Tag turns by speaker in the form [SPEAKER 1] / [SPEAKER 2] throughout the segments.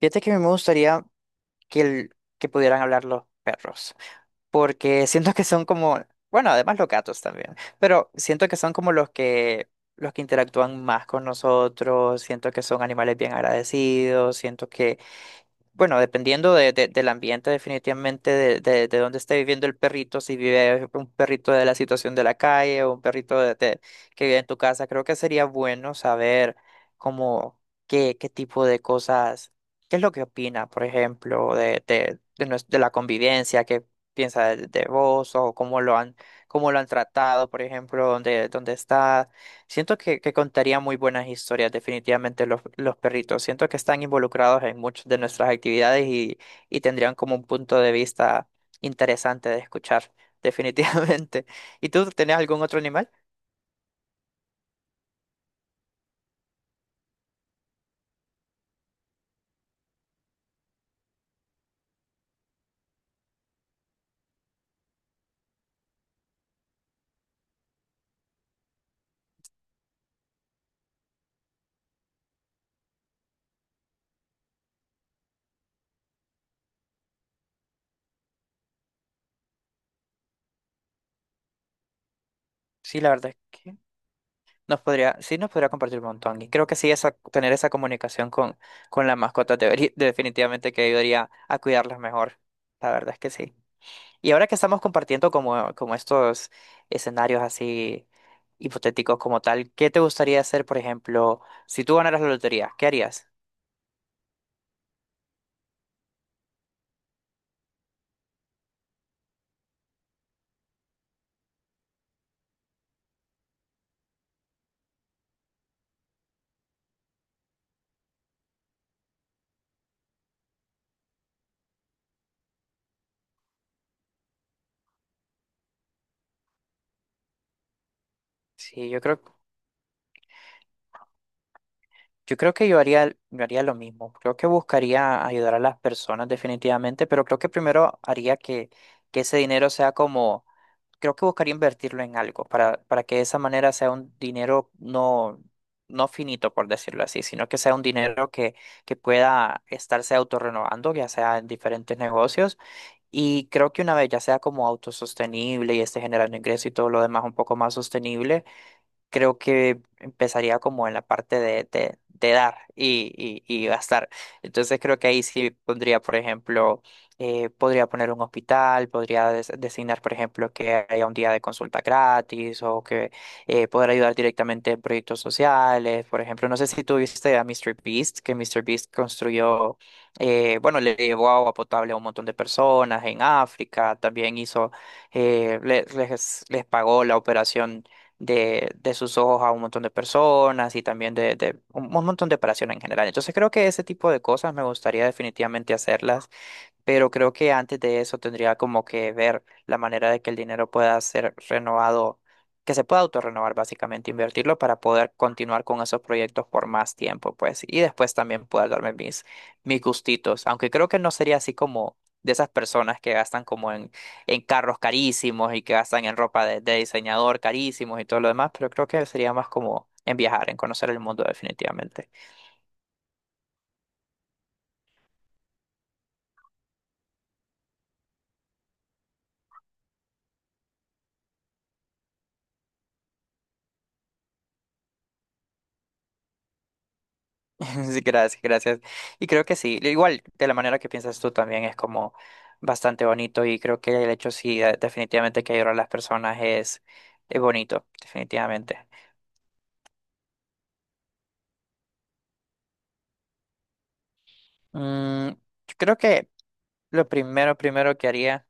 [SPEAKER 1] Fíjate que a mí me gustaría que, que pudieran hablar los perros, porque siento que son como, bueno, además los gatos también, pero siento que son como los que interactúan más con nosotros, siento que son animales bien agradecidos, siento que bueno, dependiendo del ambiente, definitivamente de dónde esté viviendo el perrito, si vive un perrito de la situación de la calle o un perrito que vive en tu casa, creo que sería bueno saber cómo, qué tipo de cosas, qué es lo que opina, por ejemplo, de la convivencia, qué piensa de vos o cómo lo han tratado, por ejemplo, dónde está. Siento que contaría muy buenas historias, definitivamente los perritos. Siento que están involucrados en muchas de nuestras actividades y tendrían como un punto de vista interesante de escuchar, definitivamente. ¿Y tú tenías algún otro animal? Sí, la verdad es que nos podría, sí nos podría compartir un montón. Y creo que sí, esa, tener esa comunicación con las mascotas debería- definitivamente que ayudaría a cuidarlas mejor. La verdad es que sí. Y ahora que estamos compartiendo como, como estos escenarios así hipotéticos como tal, ¿qué te gustaría hacer, por ejemplo, si tú ganaras la lotería? ¿Qué harías? Sí, yo creo, yo haría lo mismo. Creo que buscaría ayudar a las personas definitivamente, pero creo que primero haría que ese dinero sea como creo que buscaría invertirlo en algo para que de esa manera sea un dinero no, no finito, por decirlo así, sino que sea un dinero que pueda estarse autorrenovando, ya sea en diferentes negocios. Y creo que una vez ya sea como autosostenible y esté generando ingreso y todo lo demás un poco más sostenible creo que empezaría como en la parte de dar y gastar. Entonces creo que ahí sí pondría, por ejemplo, podría poner un hospital, podría designar, por ejemplo, que haya un día de consulta gratis o que poder ayudar directamente en proyectos sociales. Por ejemplo, no sé si tú viste a Mr. Beast, que Mr. Beast construyó, bueno, le llevó agua potable a un montón de personas en África, también hizo les pagó la operación de sus ojos a un montón de personas y también un montón de operaciones en general. Entonces creo que ese tipo de cosas me gustaría definitivamente hacerlas pero creo que antes de eso tendría como que ver la manera de que el dinero pueda ser renovado, que se pueda autorrenovar básicamente, invertirlo para poder continuar con esos proyectos por más tiempo, pues, y después también poder darme mis gustitos, aunque creo que no sería así como de esas personas que gastan como en carros carísimos y que gastan en ropa de diseñador carísimos y todo lo demás, pero creo que sería más como en viajar, en conocer el mundo definitivamente. Sí, gracias, gracias. Y creo que sí, igual de la manera que piensas tú también es como bastante bonito y creo que el hecho sí, definitivamente que ayudar a las personas es bonito, definitivamente. Mm, yo creo que lo primero, primero que haría,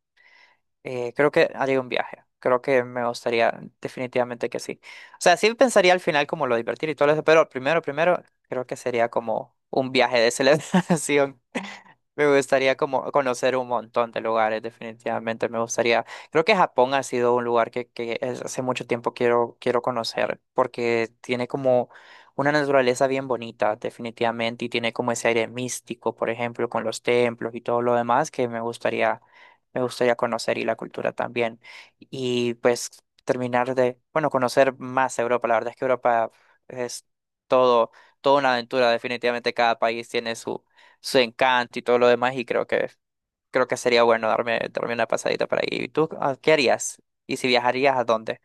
[SPEAKER 1] creo que haría un viaje. Creo que me gustaría, definitivamente que sí. O sea, sí pensaría al final como lo divertir y todo eso, pero primero, primero, creo que sería como un viaje de celebración. Me gustaría como conocer un montón de lugares, definitivamente me gustaría. Creo que Japón ha sido un lugar que hace mucho tiempo quiero, quiero conocer, porque tiene como una naturaleza bien bonita, definitivamente, y tiene como ese aire místico, por ejemplo, con los templos y todo lo demás que me gustaría conocer y la cultura también. Y pues terminar de, bueno, conocer más Europa. La verdad es que Europa es todo, toda una aventura, definitivamente cada país tiene su encanto y todo lo demás y creo que sería bueno darme, darme una pasadita por ahí. ¿Y tú ah, qué harías? ¿Y si viajarías a dónde?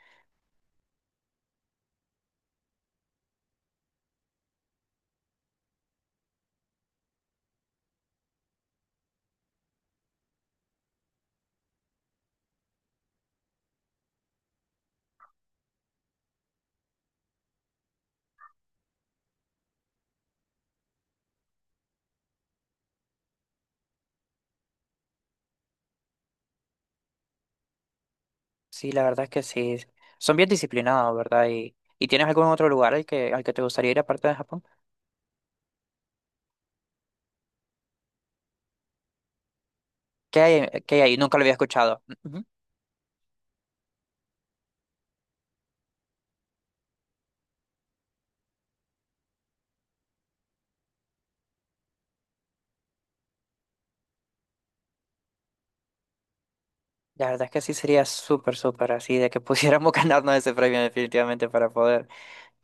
[SPEAKER 1] Sí, la verdad es que sí. Son bien disciplinados, ¿verdad? Y tienes algún otro lugar al que te gustaría ir aparte de Japón? Qué hay ahí? Nunca lo había escuchado. Ujú. La verdad es que sí sería súper, súper así de que pudiéramos ganarnos ese premio definitivamente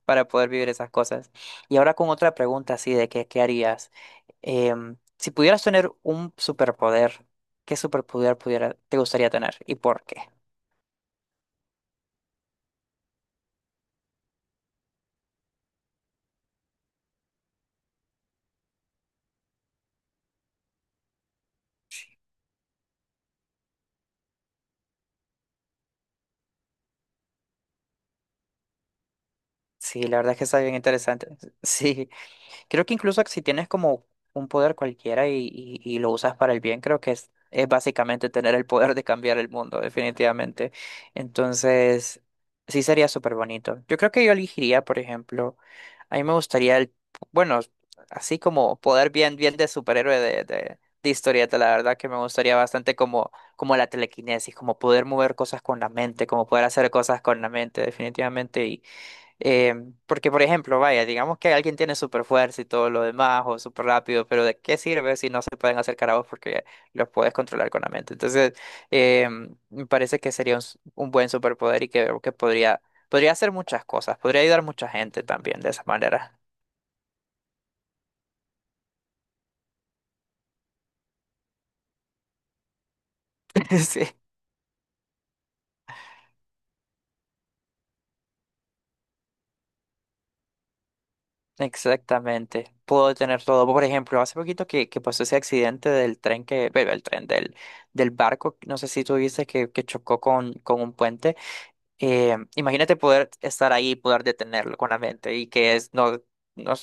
[SPEAKER 1] para poder vivir esas cosas. Y ahora con otra pregunta así de que, ¿qué harías? Em, si pudieras tener un superpoder, ¿qué superpoder pudiera, te gustaría tener y por qué? Sí, la verdad es que está bien interesante. Sí, creo que incluso si tienes como un poder cualquiera y lo usas para el bien, creo que es básicamente tener el poder de cambiar el mundo, definitivamente. Entonces, sí sería súper bonito. Yo creo que yo elegiría, por ejemplo, a mí me gustaría el, bueno, así como poder bien, bien de superhéroe de historieta, la verdad que me gustaría bastante como, como la telequinesis, como poder mover cosas con la mente, como poder hacer cosas con la mente, definitivamente. Eh, Porque, por ejemplo, vaya, digamos que alguien tiene super fuerza y todo lo demás, o súper rápido, pero ¿de qué sirve si no se pueden acercar a vos porque los puedes controlar con la mente? Entonces, eh, me parece que sería un, un buen superpoder y que podría, podría hacer muchas cosas, podría ayudar a mucha gente también de esa manera. Sí, exactamente. Puedo tener todo. Por ejemplo, hace poquito que pasó ese accidente del tren que, bueno, el tren del, del barco, no sé si tú viste que chocó con un puente. Imagínate poder estar ahí y poder detenerlo con la mente y que es, no, no,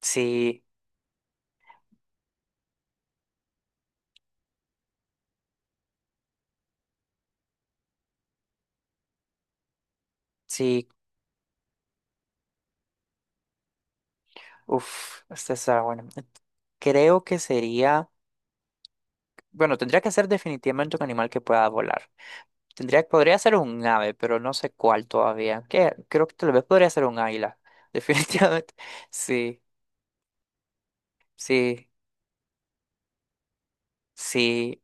[SPEAKER 1] sí, sí, uff, esta está bueno. Creo que sería, bueno, tendría que ser definitivamente un animal que pueda volar. Tendría, podría ser un ave, pero no sé cuál todavía. Que creo que tal vez podría ser un águila, definitivamente. Sí, sí, sí.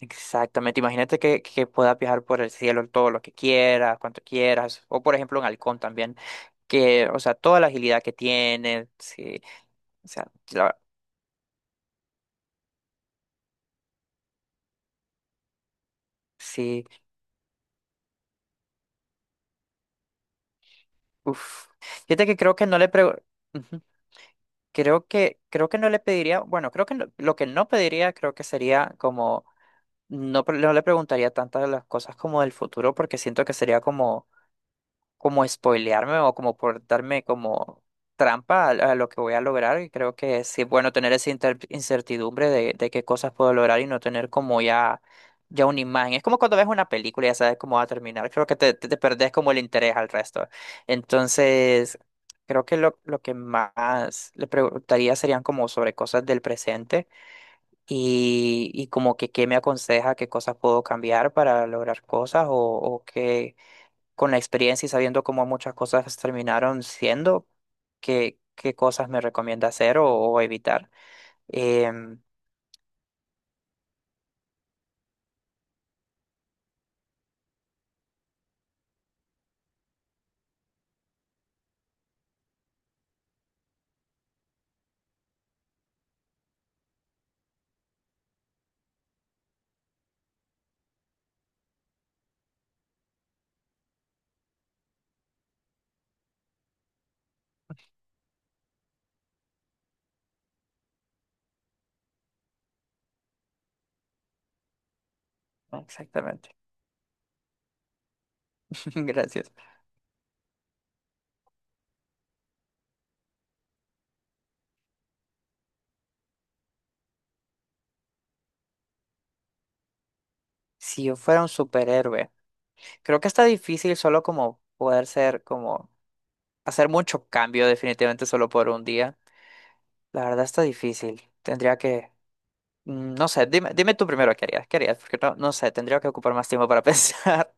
[SPEAKER 1] Exactamente, imagínate que puedas viajar por el cielo todo lo que quieras, cuanto quieras, o por ejemplo en Halcón también, que, o sea, toda la agilidad que tiene, sí, o sea, la- sí, uff. Fíjate que creo que no le prego, Ujú. Creo que no le pediría, bueno, creo que no- lo que no pediría creo que sería como, no, pre- no le preguntaría tantas las cosas como del futuro, porque siento que sería como como spoilearme o como por darme como trampa a lo que voy a lograr. Y creo que sí es sí, bueno tener esa incertidumbre de qué cosas puedo lograr y no tener como ya, ya una imagen. Es como cuando ves una película y ya sabes cómo va a terminar. Creo que te, te perdés como el interés al resto. Entonces, creo que lo que más le preguntaría serían como sobre cosas del presente y como que qué me aconseja, qué cosas puedo cambiar para lograr cosas o qué con la experiencia y sabiendo cómo muchas cosas terminaron siendo, qué, qué cosas me recomienda hacer o evitar. Em, exactamente. Gracias. Si yo fuera un superhéroe, creo que está difícil solo como poder ser, como hacer mucho cambio definitivamente solo por un día. La verdad está difícil. Tendría que, mm, no sé, dime, dime tú primero qué harías, porque no, no sé, tendría que ocupar más tiempo para pensar.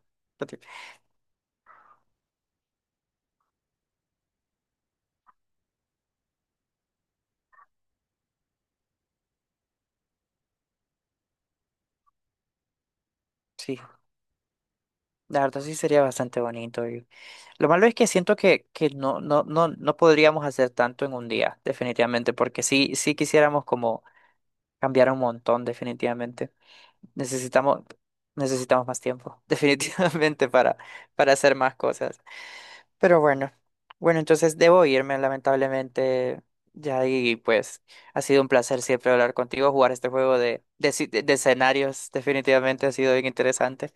[SPEAKER 1] Sí, la verdad sí sería bastante bonito. Lo malo es que siento que no, no, no, no podríamos hacer tanto en un día, definitivamente, porque sí, sí quisiéramos como cambiar un montón, definitivamente. Necesitamos, necesitamos más tiempo, definitivamente, para hacer más cosas. Pero bueno, bueno, entonces debo irme, lamentablemente. Ya y pues ha sido un placer siempre hablar contigo, jugar este juego de, si- de escenarios, definitivamente ha sido bien interesante.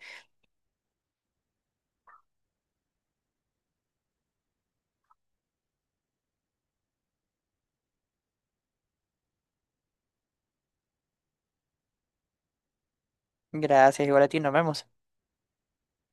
[SPEAKER 1] Gracias, igual a ti, nos vemos.